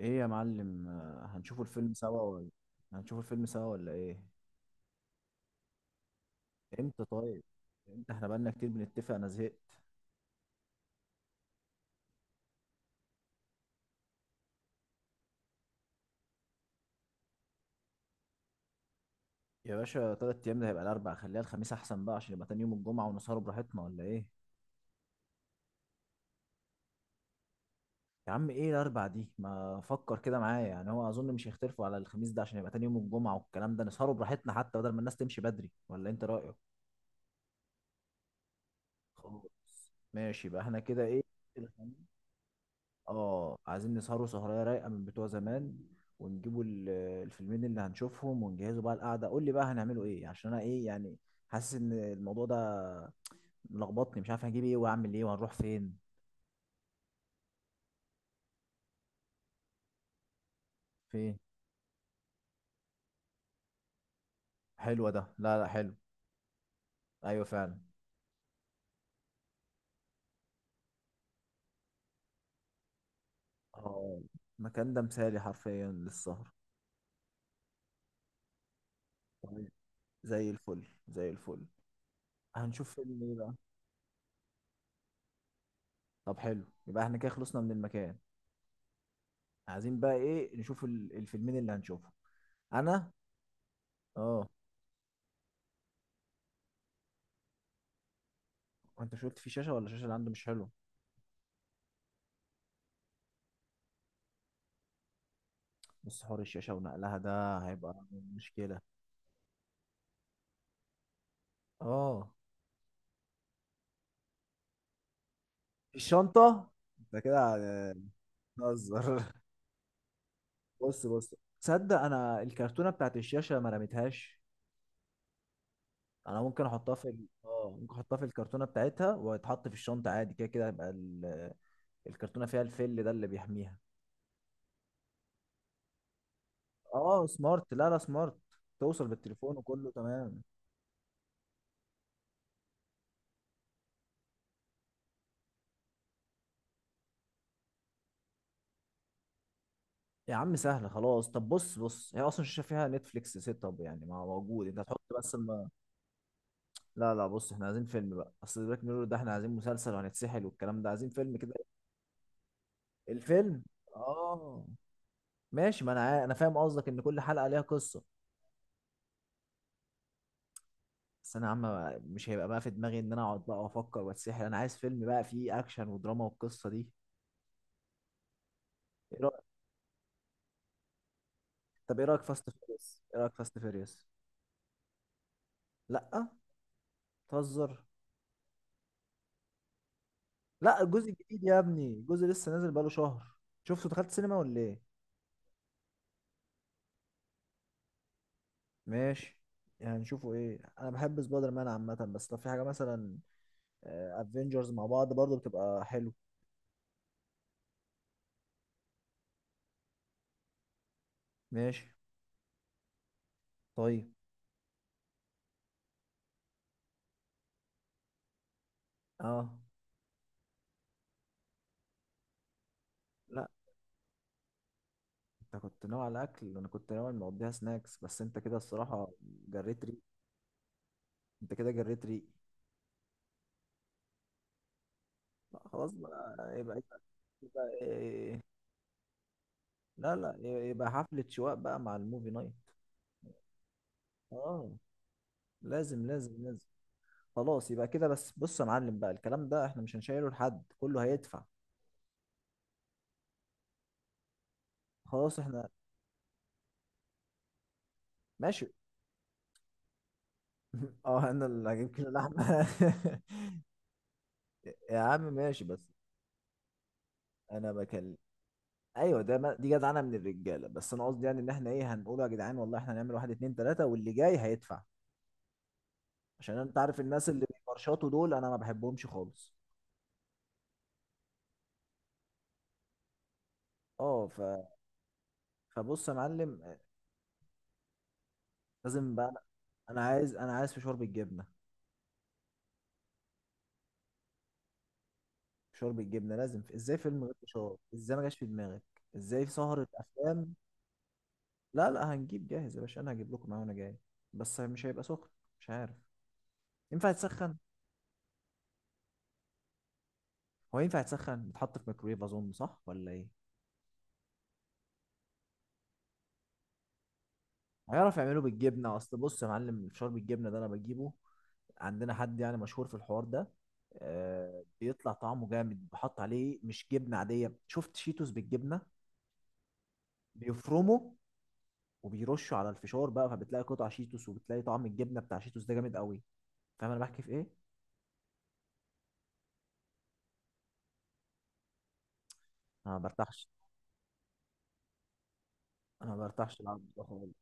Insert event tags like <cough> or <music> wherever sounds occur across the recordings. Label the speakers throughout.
Speaker 1: ايه يا معلم، هنشوفوا الفيلم سوا ولا هنشوفوا الفيلم سوا ولا ايه؟ امتى؟ طيب امتى؟ احنا بقالنا كتير بنتفق، انا زهقت. يا باشا 3 ايام ده هيبقى الاربع، خليها الخميس احسن بقى عشان يبقى تاني يوم الجمعة ونسهروا براحتنا، ولا ايه؟ يا عم ايه الاربع دي؟ ما فكر كده معايا يعني، هو اظن مش هيختلفوا على الخميس ده عشان يبقى تاني يوم الجمعة والكلام ده، نسهروا براحتنا حتى بدل ما الناس تمشي بدري، ولا انت رأيك؟ خلاص ماشي بقى، احنا كده ايه؟ اه، عايزين نسهروا سهرية رايقة من بتوع زمان ونجيبوا الفيلمين اللي هنشوفهم ونجهزوا بقى القعدة. قول لي بقى هنعملوا ايه؟ عشان انا ايه يعني، حاسس ان الموضوع ده ملخبطني، مش عارف هجيب ايه واعمل ايه وهنروح فين. فين؟ حلوة ده. لا لا، حلو. ايوه فعلا. اه، المكان ده مثالي حرفيا للسهر. طيب، زي الفل زي الفل. هنشوف فيلم ايه بقى؟ طب حلو، يبقى احنا كده خلصنا من المكان. عايزين بقى ايه نشوف الفيلمين اللي هنشوفهم. انا. اه. انت مش قلت في شاشة؟ ولا الشاشة اللي عنده مش حلو؟ بس حوار الشاشة ونقلها ده هيبقى مشكلة. اه. الشنطة؟ انت كده بتهزر. <laughs> بص بص، تصدق انا الكرتونة بتاعت الشاشة ما رميتهاش؟ انا ممكن احطها في ال... اه ممكن احطها في الكرتونة بتاعتها وتتحط في الشنطة عادي، كده كده هيبقى الكرتونة فيها الفل ده اللي بيحميها. اه سمارت. لا لا، سمارت، توصل بالتليفون وكله تمام. يا عم سهلة خلاص. طب بص بص، هي اصلا الشاشة فيها نتفليكس سيت اب يعني، ما موجود، انت هتحط بس. لا لا بص، احنا عايزين فيلم بقى، اصل بلاك ميرور ده احنا عايزين مسلسل وهنتسحل والكلام ده، عايزين فيلم كده. الفيلم. اه ماشي، ما انا انا فاهم قصدك ان كل حلقه ليها قصه. بس انا يا عم مش هيبقى بقى في دماغي ان انا اقعد بقى وافكر واتسحل، انا عايز فيلم بقى فيه اكشن ودراما والقصه دي. ايه رايك؟ طب ايه رايك فاست فيريوس؟ ايه رايك فاست فيريوس؟ لا. تهزر؟ لا، الجزء الجديد يا ابني، الجزء لسه نازل بقاله شهر. شفته؟ دخلت سينما ولا ايه؟ ماشي. يعني نشوفه ايه؟ انا بحب سبايدر مان عامه، بس لو في حاجه مثلا افنجرز مع بعض برضو بتبقى حلو. ماشي. طيب. اه. لا، انت كنت ناوي على اكل وانا كنت ناوي مقضيها سناكس، بس انت كده الصراحه جريت ريق. انت كده جريت ريق. لا، خلاص بقى، يبقى يبقى. يبقى إيه؟ لا لا، يبقى حفلة شواء بقى مع الموفي نايت. اه، لازم لازم لازم. خلاص يبقى كده، بس بص يا معلم بقى الكلام ده احنا مش هنشيله لحد، كله هيدفع. خلاص احنا. ماشي. <laughs> اه، انا اللي هجيب كيلو لحمة. <laughs> يا عم ماشي بس. انا بكلم. ايوه ده دي جدعنه من الرجاله، بس انا قصدي يعني ان احنا ايه، هنقول يا جدعان والله احنا هنعمل واحد اتنين تلاته واللي جاي هيدفع. عشان انت عارف الناس اللي بيفرشطوا دول انا ما بحبهمش خالص. اه فبص يا معلم، لازم بقى، انا عايز، انا عايز فشار بالجبنه. فشار بالجبنه لازم ازاي فيلم غير فشار؟ ازاي ما جاش في دماغك؟ ازاي في سهره افلام؟ لا لا، هنجيب جاهز يا باشا، انا هجيب لكم معاه وانا جاي. بس مش هيبقى سخن. مش عارف ينفع يتسخن. هو ينفع يتسخن؟ يتحط في ميكرويف اظن، صح ولا ايه؟ هيعرف يعمله بالجبنه؟ اصل بص يا معلم الفشار بالجبنه ده انا بجيبه. عندنا حد يعني مشهور في الحوار ده. آه، بيطلع طعمه جامد، بحط عليه مش جبنه عاديه، شفت شيتوس بالجبنه؟ بيفرمه وبيرشه على الفشار بقى، فبتلاقي قطع شيتوس وبتلاقي طعم الجبنه بتاع شيتوس ده جامد قوي. فاهم انا بحكي في ايه؟ انا ما برتاحش. انا ما برتاحش العب ده خالص.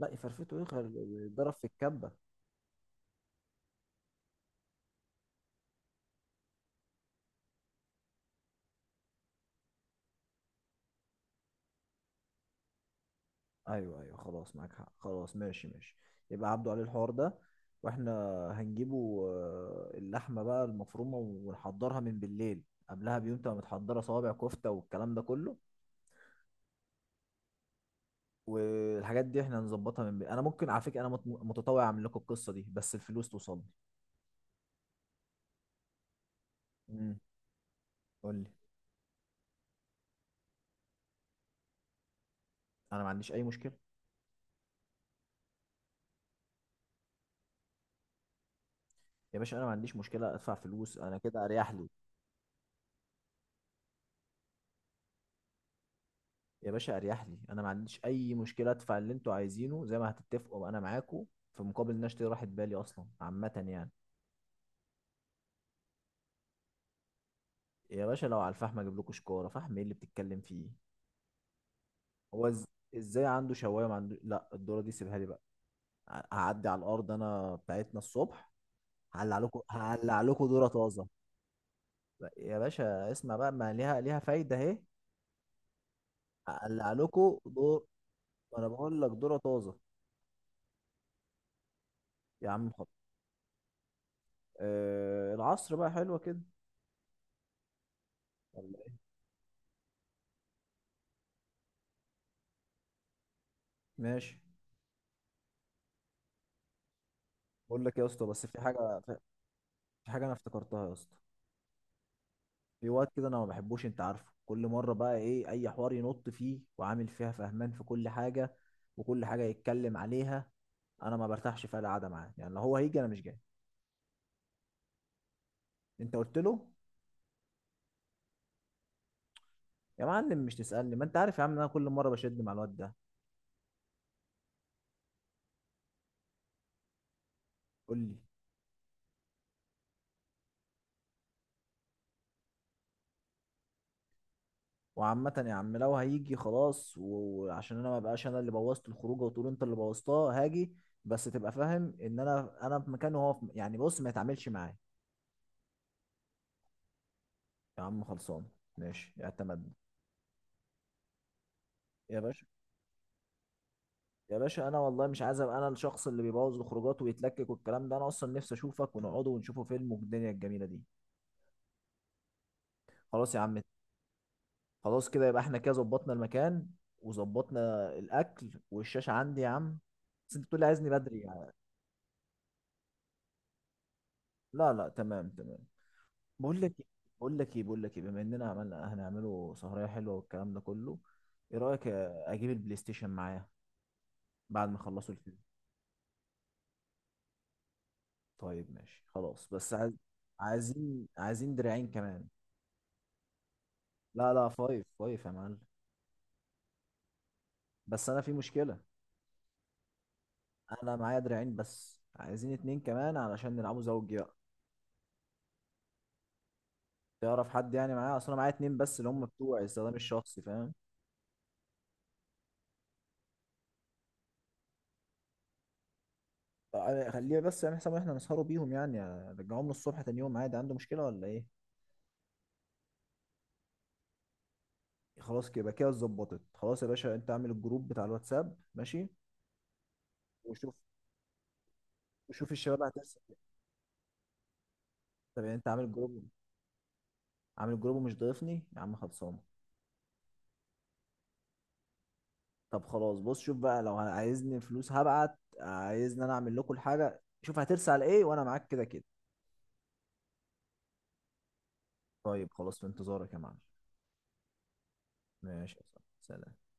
Speaker 1: لا، يفرفته ايه غير يتضرب في الكبه. ايوه ايوه خلاص، معاك حق، خلاص ماشي ماشي. يبقى عبده عليه الحوار ده، واحنا هنجيبه. اللحمه بقى المفرومه ونحضرها من بالليل، قبلها بيوم تبقى متحضره صوابع كفته والكلام ده كله. والحاجات دي احنا هنظبطها من بالليل. انا ممكن على فكره انا متطوع اعمل لكم القصه دي، بس الفلوس توصلني. امم قول لي. انا ما عنديش اي مشكله. يا باشا انا ما عنديش مشكله ادفع فلوس، انا كده اريح لي. يا باشا اريح لي، انا ما عنديش اي مشكله ادفع اللي انتوا عايزينه زي ما هتتفقوا، انا معاكم، في مقابل ان أنا اشتري راحه بالي اصلا عامه يعني. يا باشا لو على الفحم اجيب لكم شكاره فحم، ايه اللي بتتكلم فيه؟ هو إز- ازاي عنده شوايه ما عنده؟ لا، الدوره دي سيبها لي بقى. هعدي على الارض انا بتاعتنا الصبح، هقلع لكم هقلع لكم دوره طازه. يا باشا اسمع بقى، ما ليها فايده اهي. هقلع لكم دور. انا بقول لك دوره طازه. يا عم حط. العصر بقى، حلوه كده ولا إيه؟ ماشي. بقول لك يا اسطى، بس في حاجه. في حاجه انا افتكرتها يا اسطى. في وقت كده انا ما بحبوش، انت عارفه كل مره بقى ايه، اي حوار ينط فيه وعامل فيها فهمان في كل حاجه وكل حاجه يتكلم عليها. انا ما برتاحش في القعده معاه يعني، لو هو هيجي انا مش جاي. انت قلت له؟ يا معلم مش تسالني، ما انت عارف يا عم إن انا كل مره بشد مع الواد ده. قول لي. وعامة يا عم لو هيجي خلاص، وعشان انا ما بقاش انا اللي بوظت الخروجه وتقول انت اللي بوظتها هاجي. بس تبقى فاهم ان انا في مكانه وهو في يعني، بص ما يتعاملش معايا. يا عم خلصان، ماشي اعتمد. يا باشا، يا باشا انا والله مش عايز ابقى انا الشخص اللي بيبوظ الخروجات ويتلكك والكلام ده، انا اصلا نفسي اشوفك ونقعد ونشوفه فيلم والدنيا الجميله دي. خلاص يا عم. خلاص كده يبقى احنا كده ظبطنا المكان وظبطنا الاكل، والشاشه عندي يا عم. بس انت بتقول لي عايزني بدري يعني. لا لا تمام تمام. بقول لك بقول لك ايه بقول لك ايه، بما اننا عملنا هنعمله سهريه حلوه والكلام ده كله، ايه رايك اجيب البلاي ستيشن معايا بعد ما اخلصوا الفيلم؟ طيب ماشي خلاص، بس عايز، عايزين عايزين دراعين كمان. لا لا، فايف فايف يا معلم. بس انا في مشكلة. انا معايا دراعين بس، عايزين اتنين كمان علشان نلعبوا زوجي بقى. تعرف حد يعني معايا؟ اصل انا معايا اتنين بس اللي هم بتوع استخدام الشخصي، فاهم؟ طيب خليه بس يعمل حساب ان احنا نسهروا بيهم يعني، رجعوهم له الصبح تاني يوم عادي، عنده مشكلة ولا ايه؟ خلاص كده يبقى كده اتظبطت. خلاص يا باشا انت اعمل الجروب بتاع الواتساب، ماشي؟ وشوف. وشوف الشباب هترسم. طب يعني انت عامل جروب؟ عامل جروب ومش ضايفني يا عم؟ خلصان. طب خلاص، بص شوف بقى لو عايزني فلوس هبعت، عايزني انا اعمل لكم الحاجه، شوف هترسل على ايه، وانا معاك كده كده. طيب خلاص، في انتظارك يا معلم. ماشي يا صاحبي. سلام.